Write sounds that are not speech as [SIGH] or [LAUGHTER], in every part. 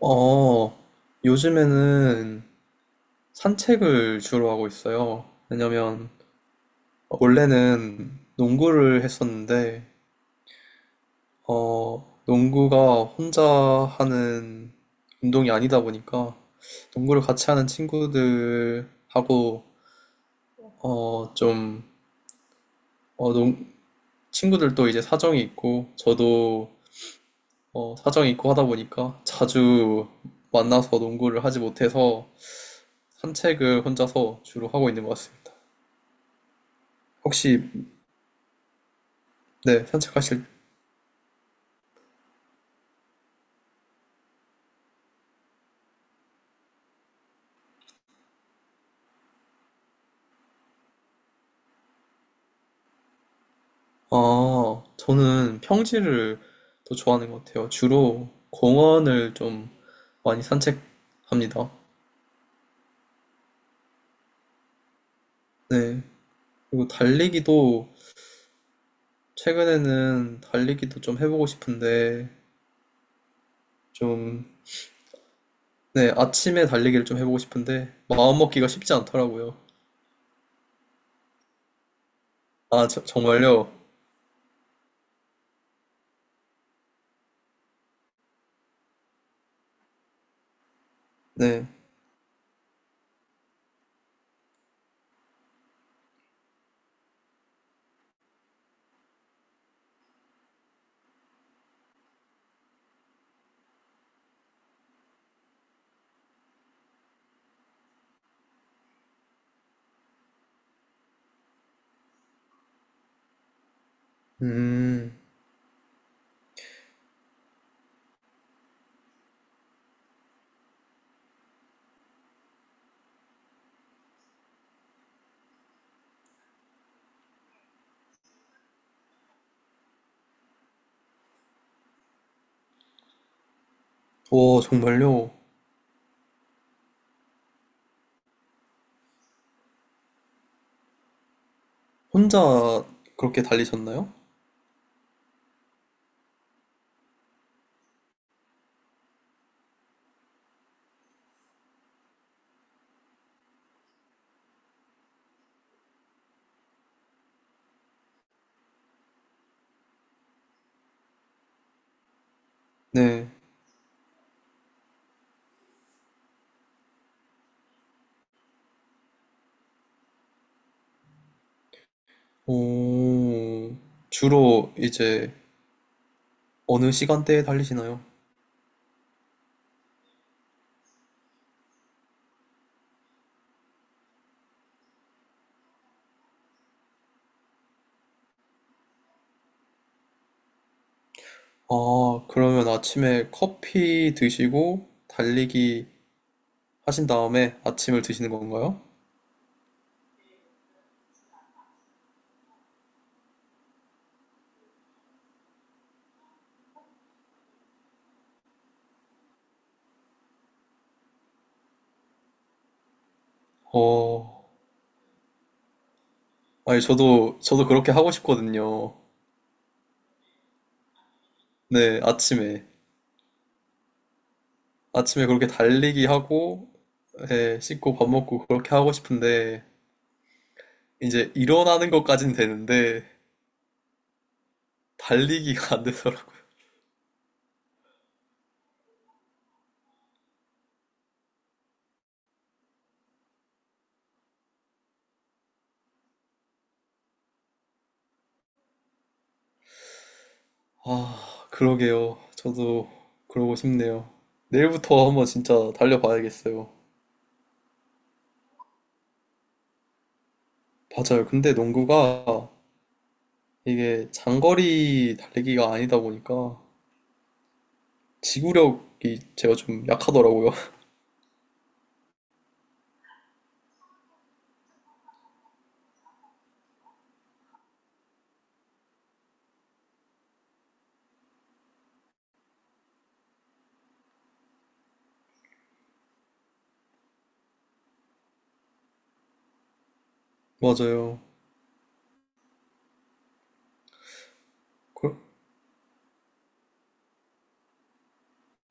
어, 요즘에는 산책을 주로 하고 있어요. 왜냐면 원래는 농구를 했었는데 농구가 혼자 하는 운동이 아니다 보니까 농구를 같이 하는 친구들하고 어, 좀 어, 농, 친구들도 이제 사정이 있고 저도 사정이 있고 하다 보니까 자주 만나서 농구를 하지 못해서 산책을 혼자서 주로 하고 있는 것 같습니다. 혹시 네 산책하실 아 저는 평지를 더 좋아하는 것 같아요. 주로 공원을 좀 많이 산책합니다. 네. 그리고 달리기도 최근에는 달리기도 좀 해보고 싶은데 좀 네, 아침에 달리기를 좀 해보고 싶은데 마음먹기가 쉽지 않더라고요. 아 저- 정말요? 네. 음. 오 정말요? 혼자 그렇게 달리셨나요? 네. 오. 주로 이제 어느 시간대에 달리시나요? 아, 그러면 아침에 커피 드시고 달리기 하신 다음에 아침을 드시는 건가요? 어, 아니, 저도, 저도 그렇게 하고 싶거든요. 네, 아침에. 아침에 그렇게 달리기 하고, 예, 씻고 밥 먹고 그렇게 하고 싶은데, 이제 일어나는 것까진 되는데, 달리기가 안 되더라고요. 아, 그러게요. 저도 그러고 싶네요. 내일부터 한번 진짜 달려봐야겠어요. 맞아요. 근데 농구가 이게 장거리 달리기가 아니다 보니까 지구력이 제가 좀 약하더라고요. [LAUGHS] 맞아요. 그,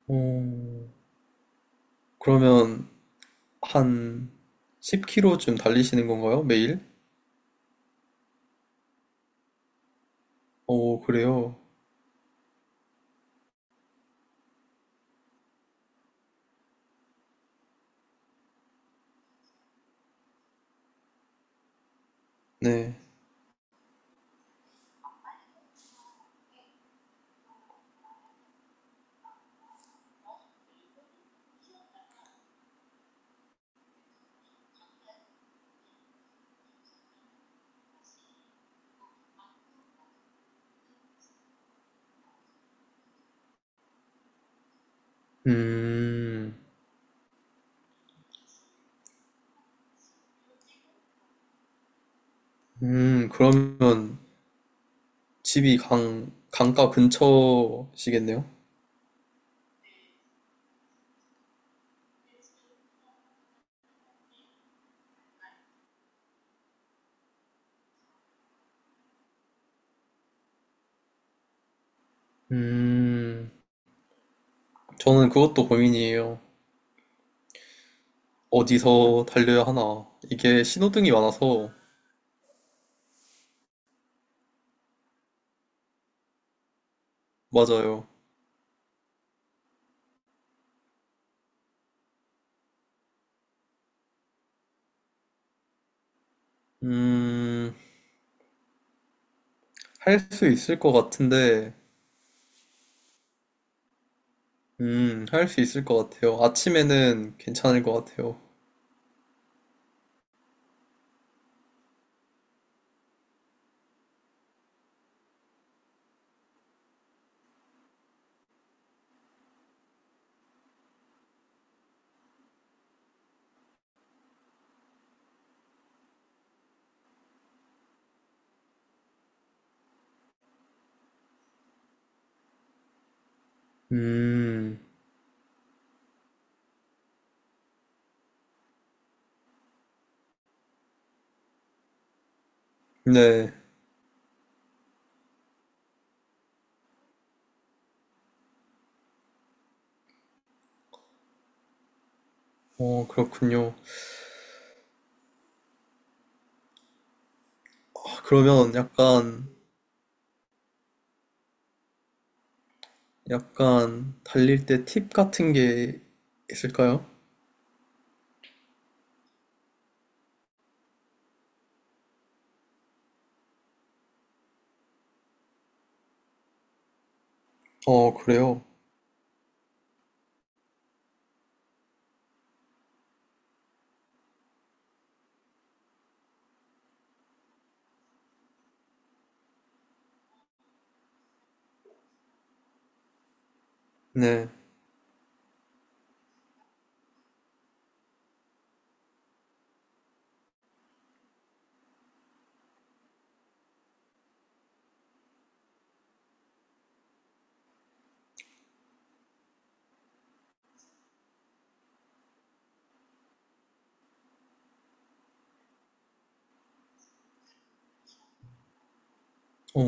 어, 그러면 한 10km쯤 달리시는 건가요? 매일? 어, 그래요. 네. 음, 그러면 집이 강, 강가 근처시겠네요? 음, 저는 그것도 고민이에요. 어디서 달려야 하나. 이게 신호등이 많아서, 맞아요. 음, 할 수 있을 것 같은데, 할 수 있을 것 같아요. 아침에는 괜찮을 것 같아요. 음, 네. 어, 그렇군요. 아, 그러면 약간, 약간 달릴 때 팁 같은 게 있을까요? 어, 그래요. 네. 어,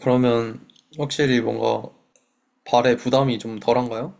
그러면 확실히 뭔가 발에 부담이 좀 덜한가요?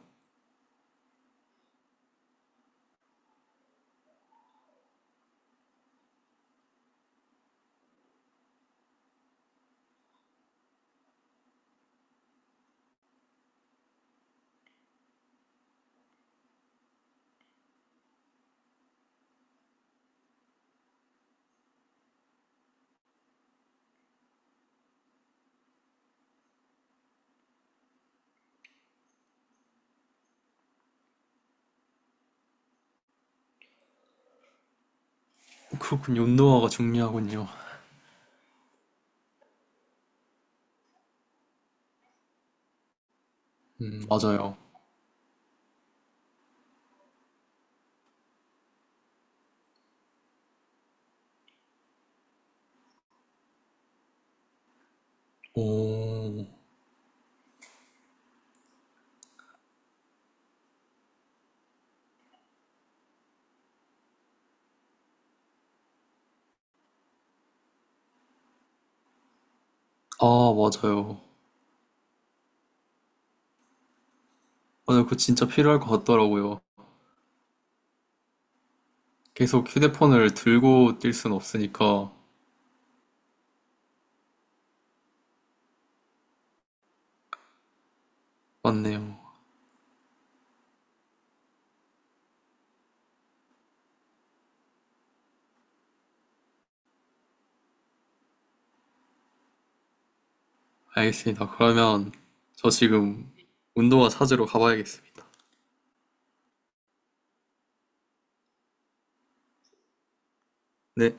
그렇군요. 운동화가 중요하군요. 맞아요. 오, 아, 맞아요. 맞아요. 그거 진짜 필요할 것 같더라고요. 계속 휴대폰을 들고 뛸 순 없으니까. 맞네요. 알겠습니다. 그러면 저 지금 운동화 찾으러 가봐야겠습니다. 네.